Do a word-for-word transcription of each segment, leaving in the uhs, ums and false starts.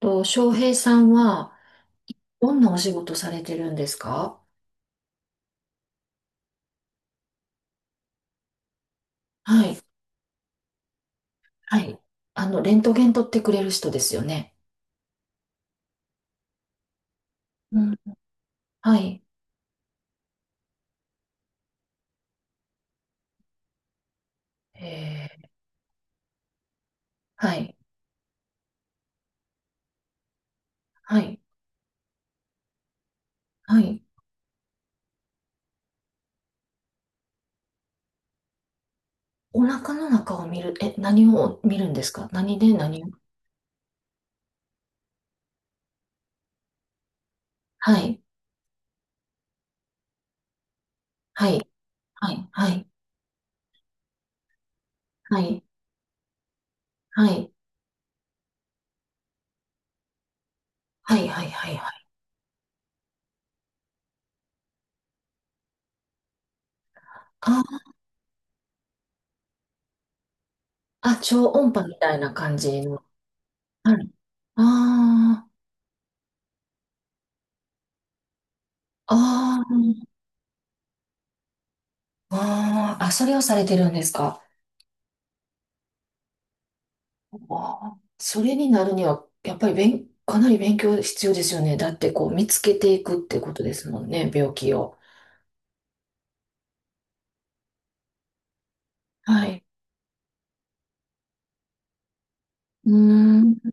と、翔平さんは、どんなお仕事されてるんですか？はい。はい。あの、レントゲン取ってくれる人ですよね。うん。はい。えー、はい。はい。はい。お腹の中を見る、え、何を見るんですか？何で？何を？はい。はい。はい。はい。はい。はい。はい。はい。はい。はい。あー、あ、超音波みたいな感じの。はい。ああ、ああ、あーあー、それをされてるんですか？ああ、それになるには、やっぱり勉、かなり勉強必要ですよね。だって、こう、見つけていくってことですもんね、病気を。はい。うーん。う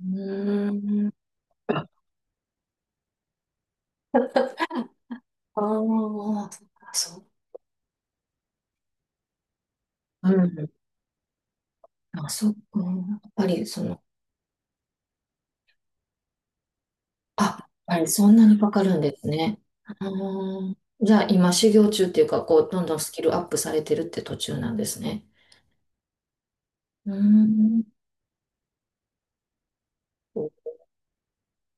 ーん。ああ、そっか、そう。うん。あ、そう、うん、やっぱり、その、あ、やっぱりそんなにかかるんですね。うん、じゃあ、今、修行中っていうか、こう、どんどんスキルアップされてるって途中なんですね。うーん。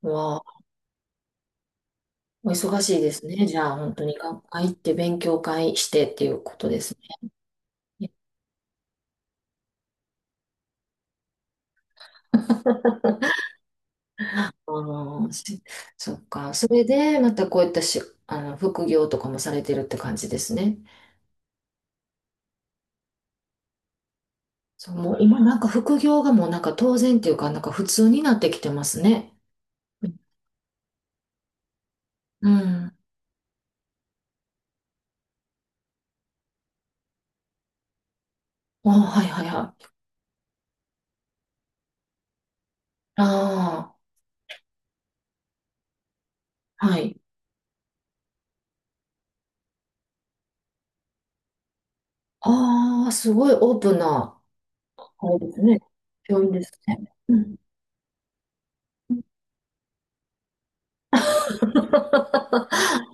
わお忙しいですね。じゃあ、本当に学会行って勉強会してっていうことですね。あの、しそっか。それで、またこういったし、あの、副業とかもされてるって感じですね。そう、もう今なんか副業がもうなんか当然っていうか、なんか普通になってきてますね。うん。あ、はいはいはい。ああ、はい。ああ、すごいオープンな、あれですね。病院ですね。うん。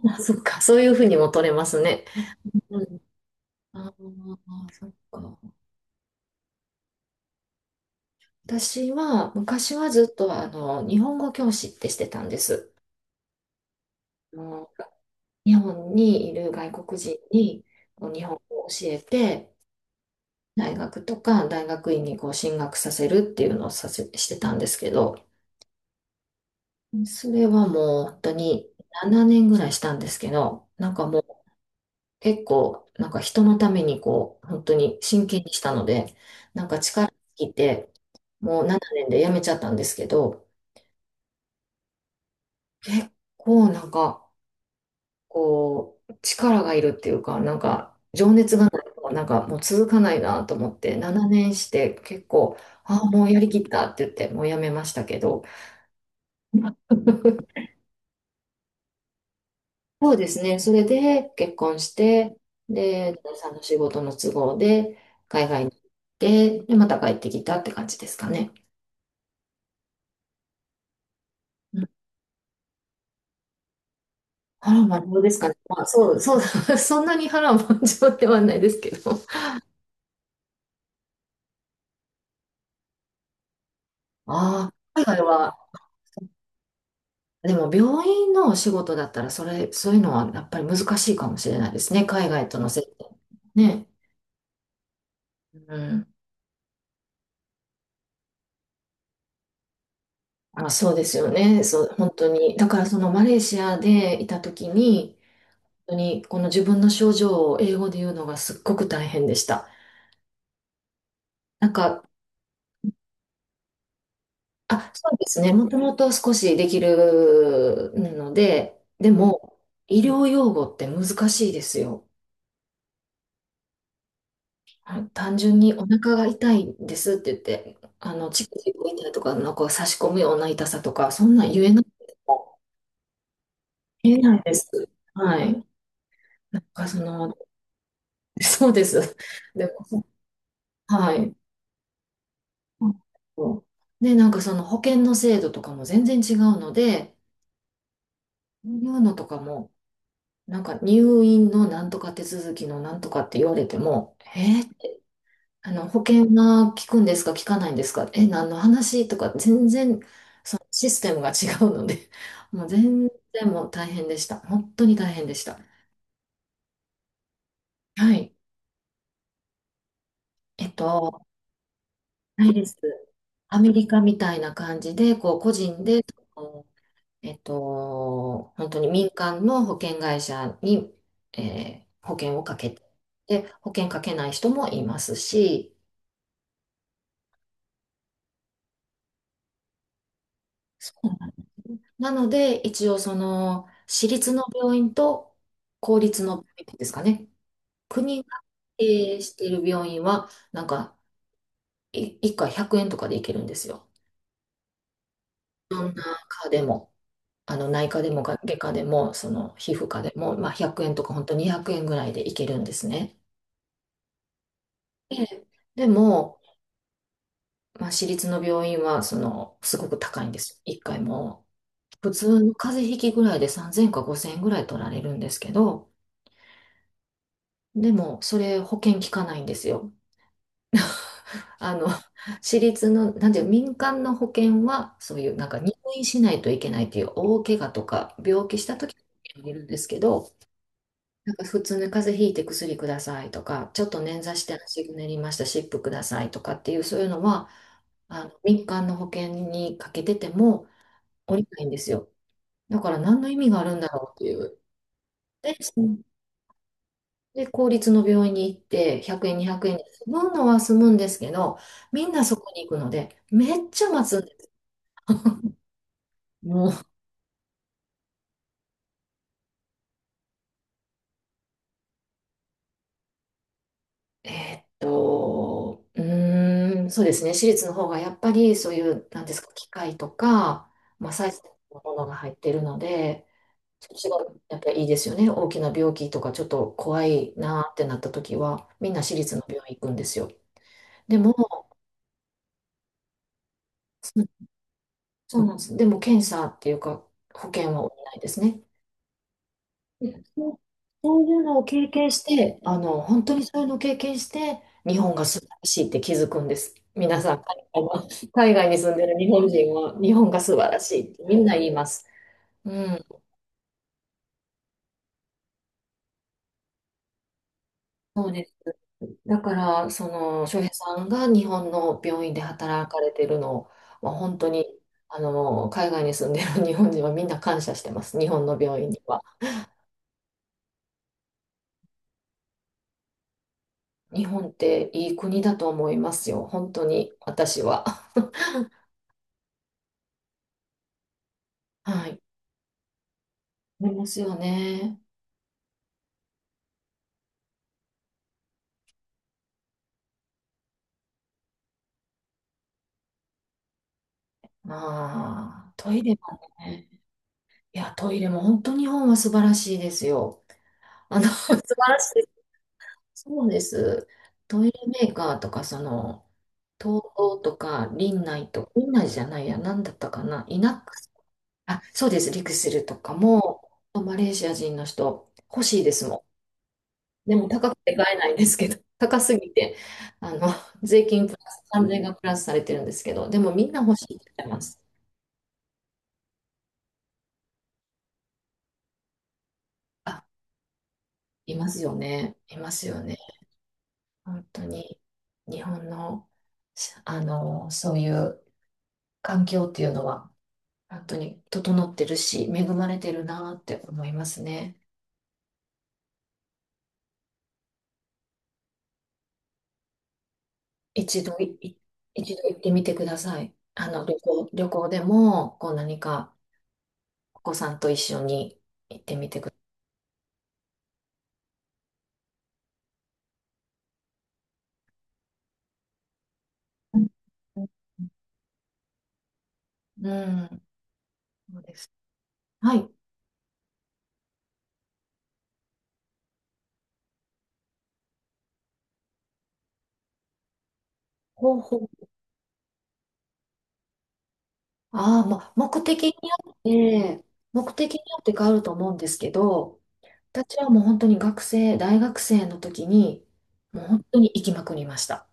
あ、そっか、そういうふうにも取れますね。うん、ああ、そっか。私は昔はずっとあの日本語教師ってしてたんです。あの日本にいる外国人にこう日本語を教えて、大学とか大学院にこう進学させるっていうのをさせ、してたんですけど、それはもう本当にななねんぐらいしたんですけど、なんかもう結構なんか人のためにこう本当に真剣にしたので、なんか力尽きて、もうななねんで辞めちゃったんですけど、結構なんか、こう、力がいるっていうか、なんか、情熱がないと、なんかもう続かないなと思って、ななねんして結構、ああ、もうやりきったって言って、もうやめましたけど、そうですね、それで結婚して、で、旦那さんの仕事の都合で、海外に行って、で、また帰ってきたって感じですかね。うん、波乱万丈ですかね。まあ、そう、そう、そんなに波乱万丈ではないですけど。ああ、海外はでも病院のお仕事だったら、それ、そういうのはやっぱり難しいかもしれないですね。海外との接点。ね。うん。あ、そうですよね。そう、本当に。だからそのマレーシアでいた時に、本当にこの自分の症状を英語で言うのがすっごく大変でした。なんか、あ、そうですね。もともと少しできるので、でも、医療用語って難しいですよ。あ、単純にお腹が痛いんですって言って、あの、チクチク痛いとか、なんか差し込むような痛さとか、そんなん言えなくても言えないです。はい。なんかその、そうです。でも、はい。で、なんかその保険の制度とかも全然違うので、そういうのとかも、なんか入院のなんとか手続きのなんとかって言われても、え、あの、保険が効くんですか、効かないんですか、え、何の話とか、全然、そのシステムが違うので、もう全然もう大変でした。本当に大変でした。はい。えっと、ないです。アメリカみたいな感じで、こう、個人で、そのえっと、本当に民間の保険会社に、えー保険をかけて、で、保険かけない人もいますし、そうなので、一応その、私立の病院と公立の病院ですかね。国が経営している病院は、なんか、いいっかいひゃくえんとかで行けるんですよ。内科でも、あの内科でも外科でも、その皮膚科でも、まあ、ひゃくえんとか本当にひゃくえんぐらいで行けるんですね。で、でも、まあ、私立の病院は、その、すごく高いんです。いっかいも普通の風邪ひきぐらいでさんぜんかごせんえんぐらい取られるんですけど、でも、それ保険効かないんですよ。あの、私立の、なんていう、民間の保険は、そういう、なんか入院しないといけないっていう大怪我とか、病気した時にいるんですけど、なんか普通に風邪ひいて薬くださいとか、ちょっと捻挫して足ぐねりました、湿布くださいとかっていう、そういうのは、あの、民間の保険にかけてても、おりないんですよ。だから何の意味があるんだろうっていう。で、そので、公立の病院に行って、ひゃくえん、にひゃくえんで済むのは済むんですけど、みんなそこに行くので、めっちゃ待つ。もう、えーっと、うーん、そうですね。私立の方がやっぱりそういう、なんですか、機械とか、まあ、サイズのものが入っているので、そっちがやっぱりいいですよね。大きな病気とかちょっと怖いなーってなった時は、みんな私立の病院行くんですよ。でも、そそうなんです。でも検査っていうか、保険は下りないですね。で、そうそういうのを経験して、あの、本当にそういうのを経験して、日本が素晴らしいって気づくんです。皆さん、海外は 海外に住んでる日本人は、日本が素晴らしいってみんな言います。うん、そうです。だから、その、翔平さんが日本の病院で働かれてるのは、本当に、あの、海外に住んでる 日本人はみんな感謝してます。日本の病院には。日本っていい国だと思いますよ。本当に、私は。はい。思いますよね。ああ、トイレもね。いや、トイレも本当日本は素晴らしいですよ。あの、素晴らしい。そうです。トイレメーカーとか、その、東京とか、林内とか、林内じゃないや、なんだったかな、イナックス、あ、そうです、リクシルとかも、マレーシア人の人、欲しいですもん。でも高くて買えないんですけど、高すぎて、あの、税金プラス、関税がプラスされてるんですけど、でもみんな欲しいって言ってます。あ、いますよね。いますよね。本当に日本の、あの、そういう環境っていうのは本当に整ってるし、恵まれてるなって思いますね。一度い、い一度行ってみてください。あの、旅行、旅行でも、こう何かお子さんと一緒に行ってみてください。うんうん、そうです。はい。方法。ああ、まあ、目的によって、目的によって変わると思うんですけど、私はもう本当に学生、大学生の時に、もう本当に行きまくりました。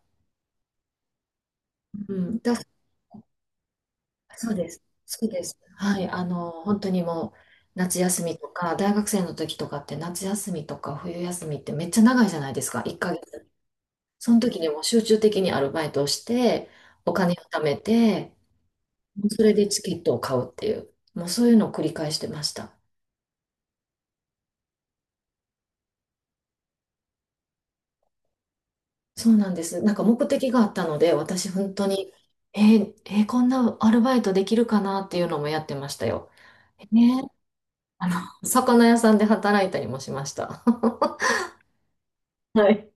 うん。だ、そうです。そうです。はい。あの、本当にもう、夏休みとか、大学生の時とかって夏休みとか冬休みってめっちゃ長いじゃないですか、いっかげつ。その時にもう集中的にアルバイトをして、お金を貯めて、それでチケットを買うっていう、もうそういうのを繰り返してました。そうなんです。なんか目的があったので、私本当に、えーえーこんなアルバイトできるかなっていうのもやってましたよ。ね、あの、魚屋さんで働いたりもしました。はい。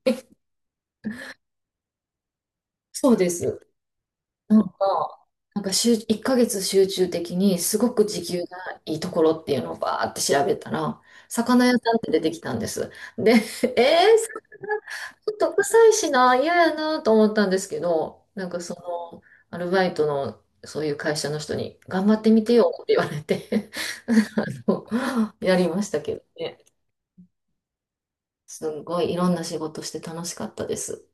そうです。なんか、なんか集いっかげつ集中的にすごく時給がいいところっていうのをバーって調べたら、魚屋さんって出てきたんです。で、えー、魚ちょっと臭いしな、嫌やなと思ったんですけど、なんかその、アルバイトのそういう会社の人に、頑張ってみてよって言われて あのやりましたけどね。すんごいいろんな仕事して楽しかったです。